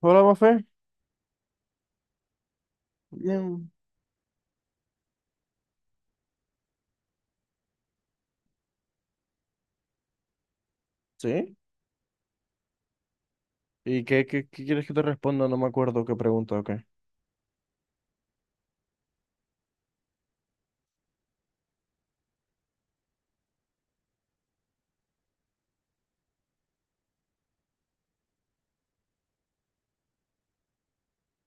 Hola, Mafe. Bien. ¿Sí? ¿Y qué quieres que te responda? No me acuerdo qué pregunta o qué.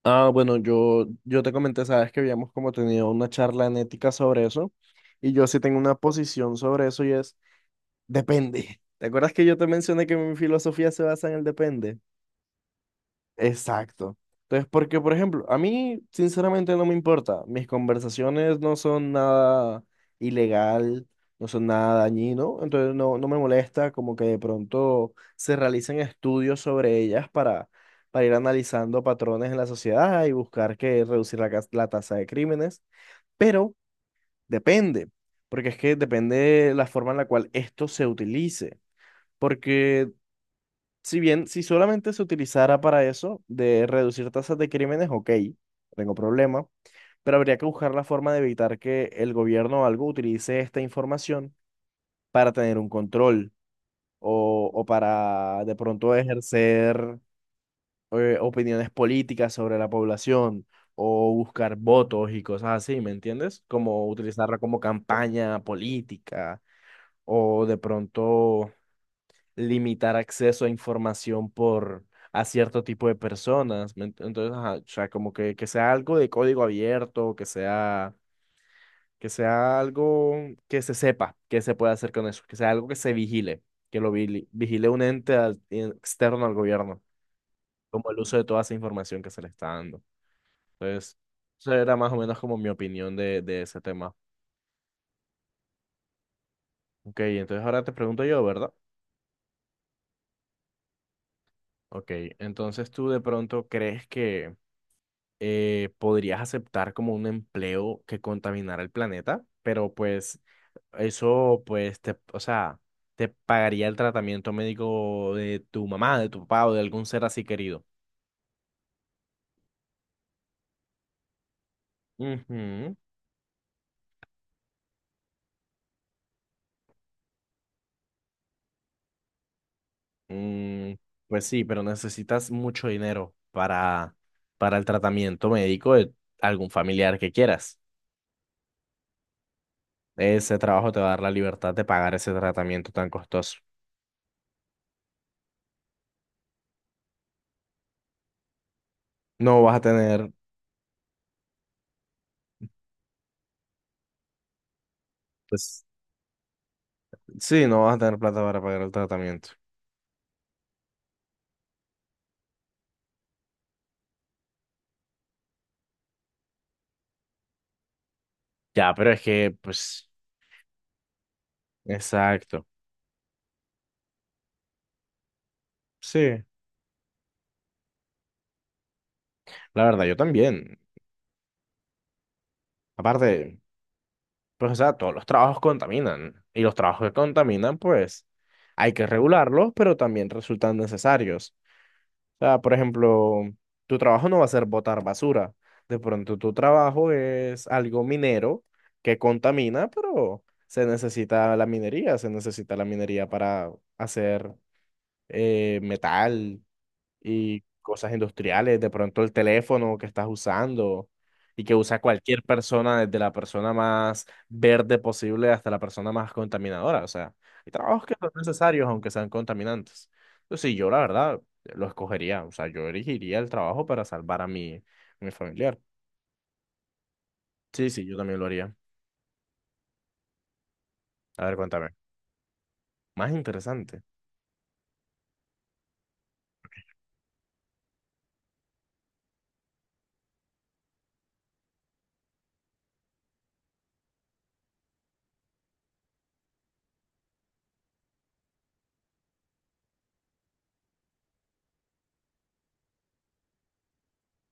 Ah, bueno, yo te comenté, sabes que habíamos como tenido una charla en ética sobre eso, y yo sí tengo una posición sobre eso y es, depende. ¿Te acuerdas que yo te mencioné que mi filosofía se basa en el depende? Exacto. Entonces, porque, por ejemplo, a mí sinceramente no me importa. Mis conversaciones no son nada ilegal, no son nada dañino, entonces no me molesta como que de pronto se realicen estudios sobre ellas para ir analizando patrones en la sociedad y buscar que reducir la, la tasa de crímenes. Pero depende, porque es que depende la forma en la cual esto se utilice. Porque si bien, si solamente se utilizara para eso, de reducir tasas de crímenes, ok, no tengo problema, pero habría que buscar la forma de evitar que el gobierno o algo utilice esta información para tener un control o para de pronto ejercer opiniones políticas sobre la población o buscar votos y cosas así, ¿me entiendes? Como utilizarla como campaña política o de pronto limitar acceso a información por a cierto tipo de personas. Entonces, ajá, o sea, como que sea algo de código abierto, que sea algo que se sepa que se puede hacer con eso, que sea algo que se vigile, que lo vigile un ente externo al gobierno, como el uso de toda esa información que se le está dando. Entonces, esa era más o menos como mi opinión de ese tema. Ok, entonces ahora te pregunto yo, ¿verdad? Ok, entonces tú de pronto crees que podrías aceptar como un empleo que contaminara el planeta, pero pues eso, pues, te, o sea, te pagaría el tratamiento médico de tu mamá, de tu papá o de algún ser así querido. Ujú. Mm, pues sí, pero necesitas mucho dinero para el tratamiento médico de algún familiar que quieras. Ese trabajo te va a dar la libertad de pagar ese tratamiento tan costoso. No vas a tener, pues, sí, no vas a tener plata para pagar el tratamiento. Ya, pero es que, pues, exacto. Sí, la verdad, yo también. Aparte, pues, o sea, todos los trabajos contaminan. Y los trabajos que contaminan, pues, hay que regularlos, pero también resultan necesarios. O sea, por ejemplo, tu trabajo no va a ser botar basura. De pronto, tu trabajo es algo minero que contamina, pero se necesita la minería. Se necesita la minería para hacer metal y cosas industriales, de pronto el teléfono que estás usando y que usa cualquier persona, desde la persona más verde posible hasta la persona más contaminadora. O sea, hay trabajos que son necesarios aunque sean contaminantes. Entonces, sí, yo la verdad lo escogería. O sea, yo elegiría el trabajo para salvar a mi, mi familiar. Sí, sí, yo también lo haría. A ver, cuéntame. Más interesante.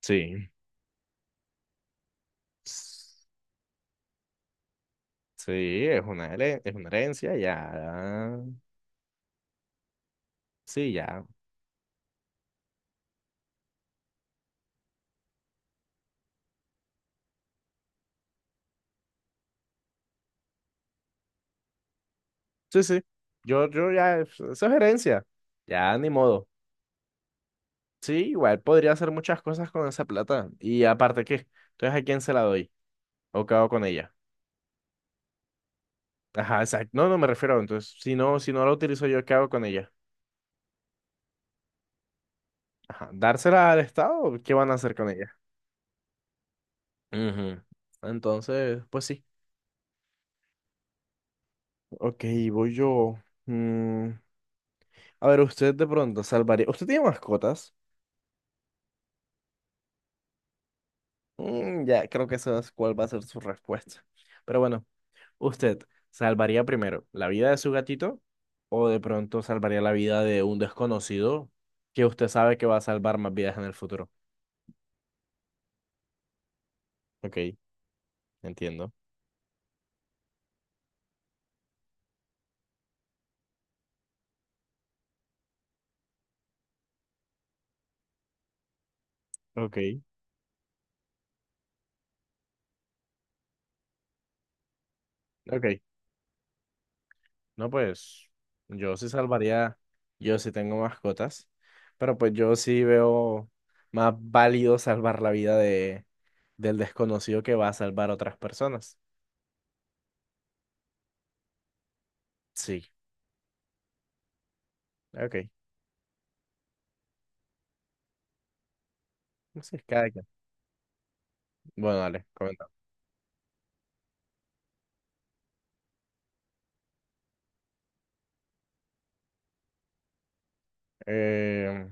Sí. Sí, es una, es una herencia, ya. Sí, ya. Sí, sí. Yo ya, eso es herencia. Ya, ni modo. Sí, igual podría hacer muchas cosas con esa plata. Y aparte, ¿qué? Entonces, ¿a quién se la doy? ¿O qué hago con ella? Ajá, exacto. No, no me refiero. Entonces, si no la utilizo yo, ¿qué hago con ella? Ajá. ¿Dársela al Estado? ¿O qué van a hacer con ella? Ujú. Entonces, pues sí. Ok, voy yo. Mm, A ver, usted de pronto salvaría. ¿Usted tiene mascotas? Mm, ya, creo que esa es cuál va a ser su respuesta. Pero bueno. ¿Usted salvaría primero la vida de su gatito o de pronto salvaría la vida de un desconocido que usted sabe que va a salvar más vidas en el futuro? Ok, entiendo. Ok, ok. No, pues yo sí salvaría, yo sí tengo mascotas, pero pues yo sí veo más válido salvar la vida de, del desconocido que va a salvar a otras personas. Sí, ok. Sí, cada quien. Bueno, dale, comenta. Eh,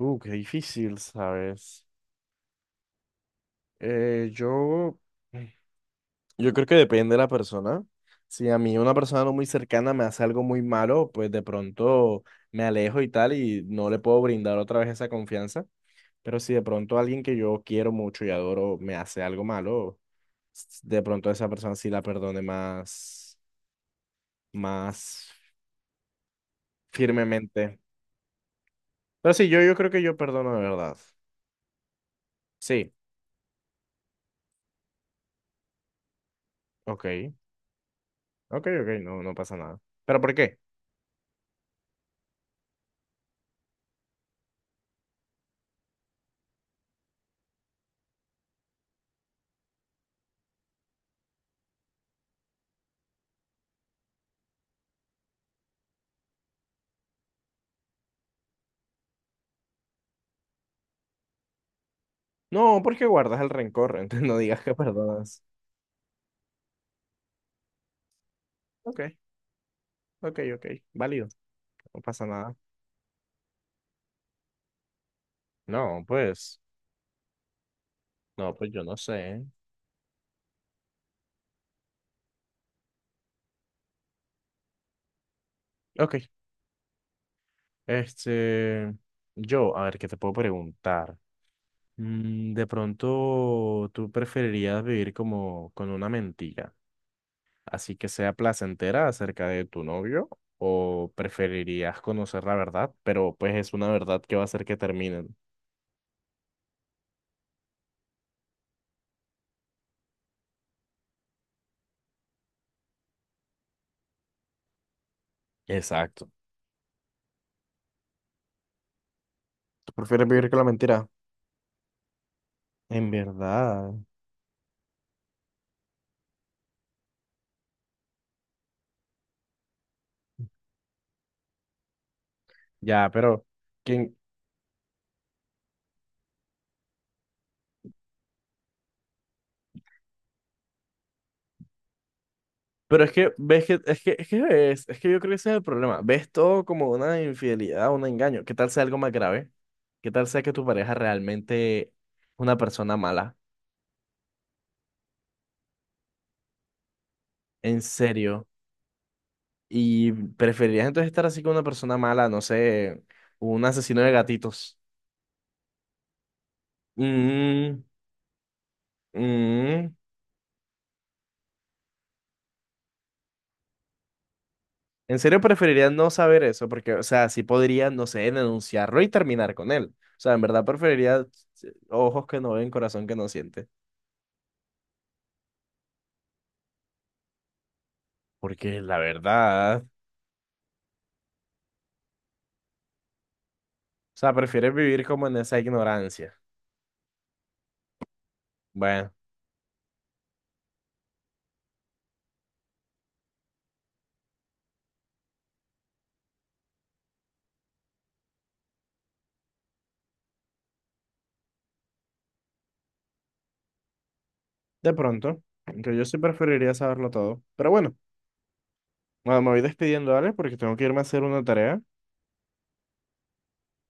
qué difícil, ¿sabes? Eh, yo, yo creo que depende de la persona. Si a mí una persona no muy cercana me hace algo muy malo, pues de pronto me alejo y tal y no le puedo brindar otra vez esa confianza. Pero si de pronto alguien que yo quiero mucho y adoro me hace algo malo, de pronto esa persona sí la perdone más, más firmemente. Pero sí, yo creo que yo perdono de verdad. Sí, ok, ok, ok, no, no pasa nada. ¿Pero por qué? No, porque guardas el rencor, entonces no digas que perdonas. Ok, ok, ok, válido, no pasa nada. No, pues, no, pues yo no sé. Ok, este, yo, a ver, ¿qué te puedo preguntar? Mm, de pronto, ¿tú preferirías vivir como con una mentira, así que sea placentera acerca de tu novio, o preferirías conocer la verdad, pero pues es una verdad que va a hacer que terminen? Exacto. ¿Tú prefieres vivir con la mentira? En verdad. Ya, pero ¿quién? Pero es que ves que es que yo creo que ese es el problema. Ves todo como una infidelidad, un engaño. ¿Qué tal sea algo más grave? ¿Qué tal sea que tu pareja realmente es una persona mala? En serio. ¿Y preferirías entonces estar así con una persona mala, no sé, un asesino de gatitos? Mm, mm. En serio preferirías no saber eso, porque, o sea, sí podría, no sé, denunciarlo y terminar con él. O sea, en verdad preferiría ojos que no ven, corazón que no siente. Porque la verdad, o sea, prefieres vivir como en esa ignorancia. Bueno, de pronto, aunque yo sí preferiría saberlo todo. Bueno, me voy despidiendo, ¿vale? Porque tengo que irme a hacer una tarea.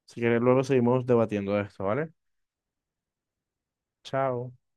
Si quieres, luego seguimos debatiendo de esto, ¿vale? Chao.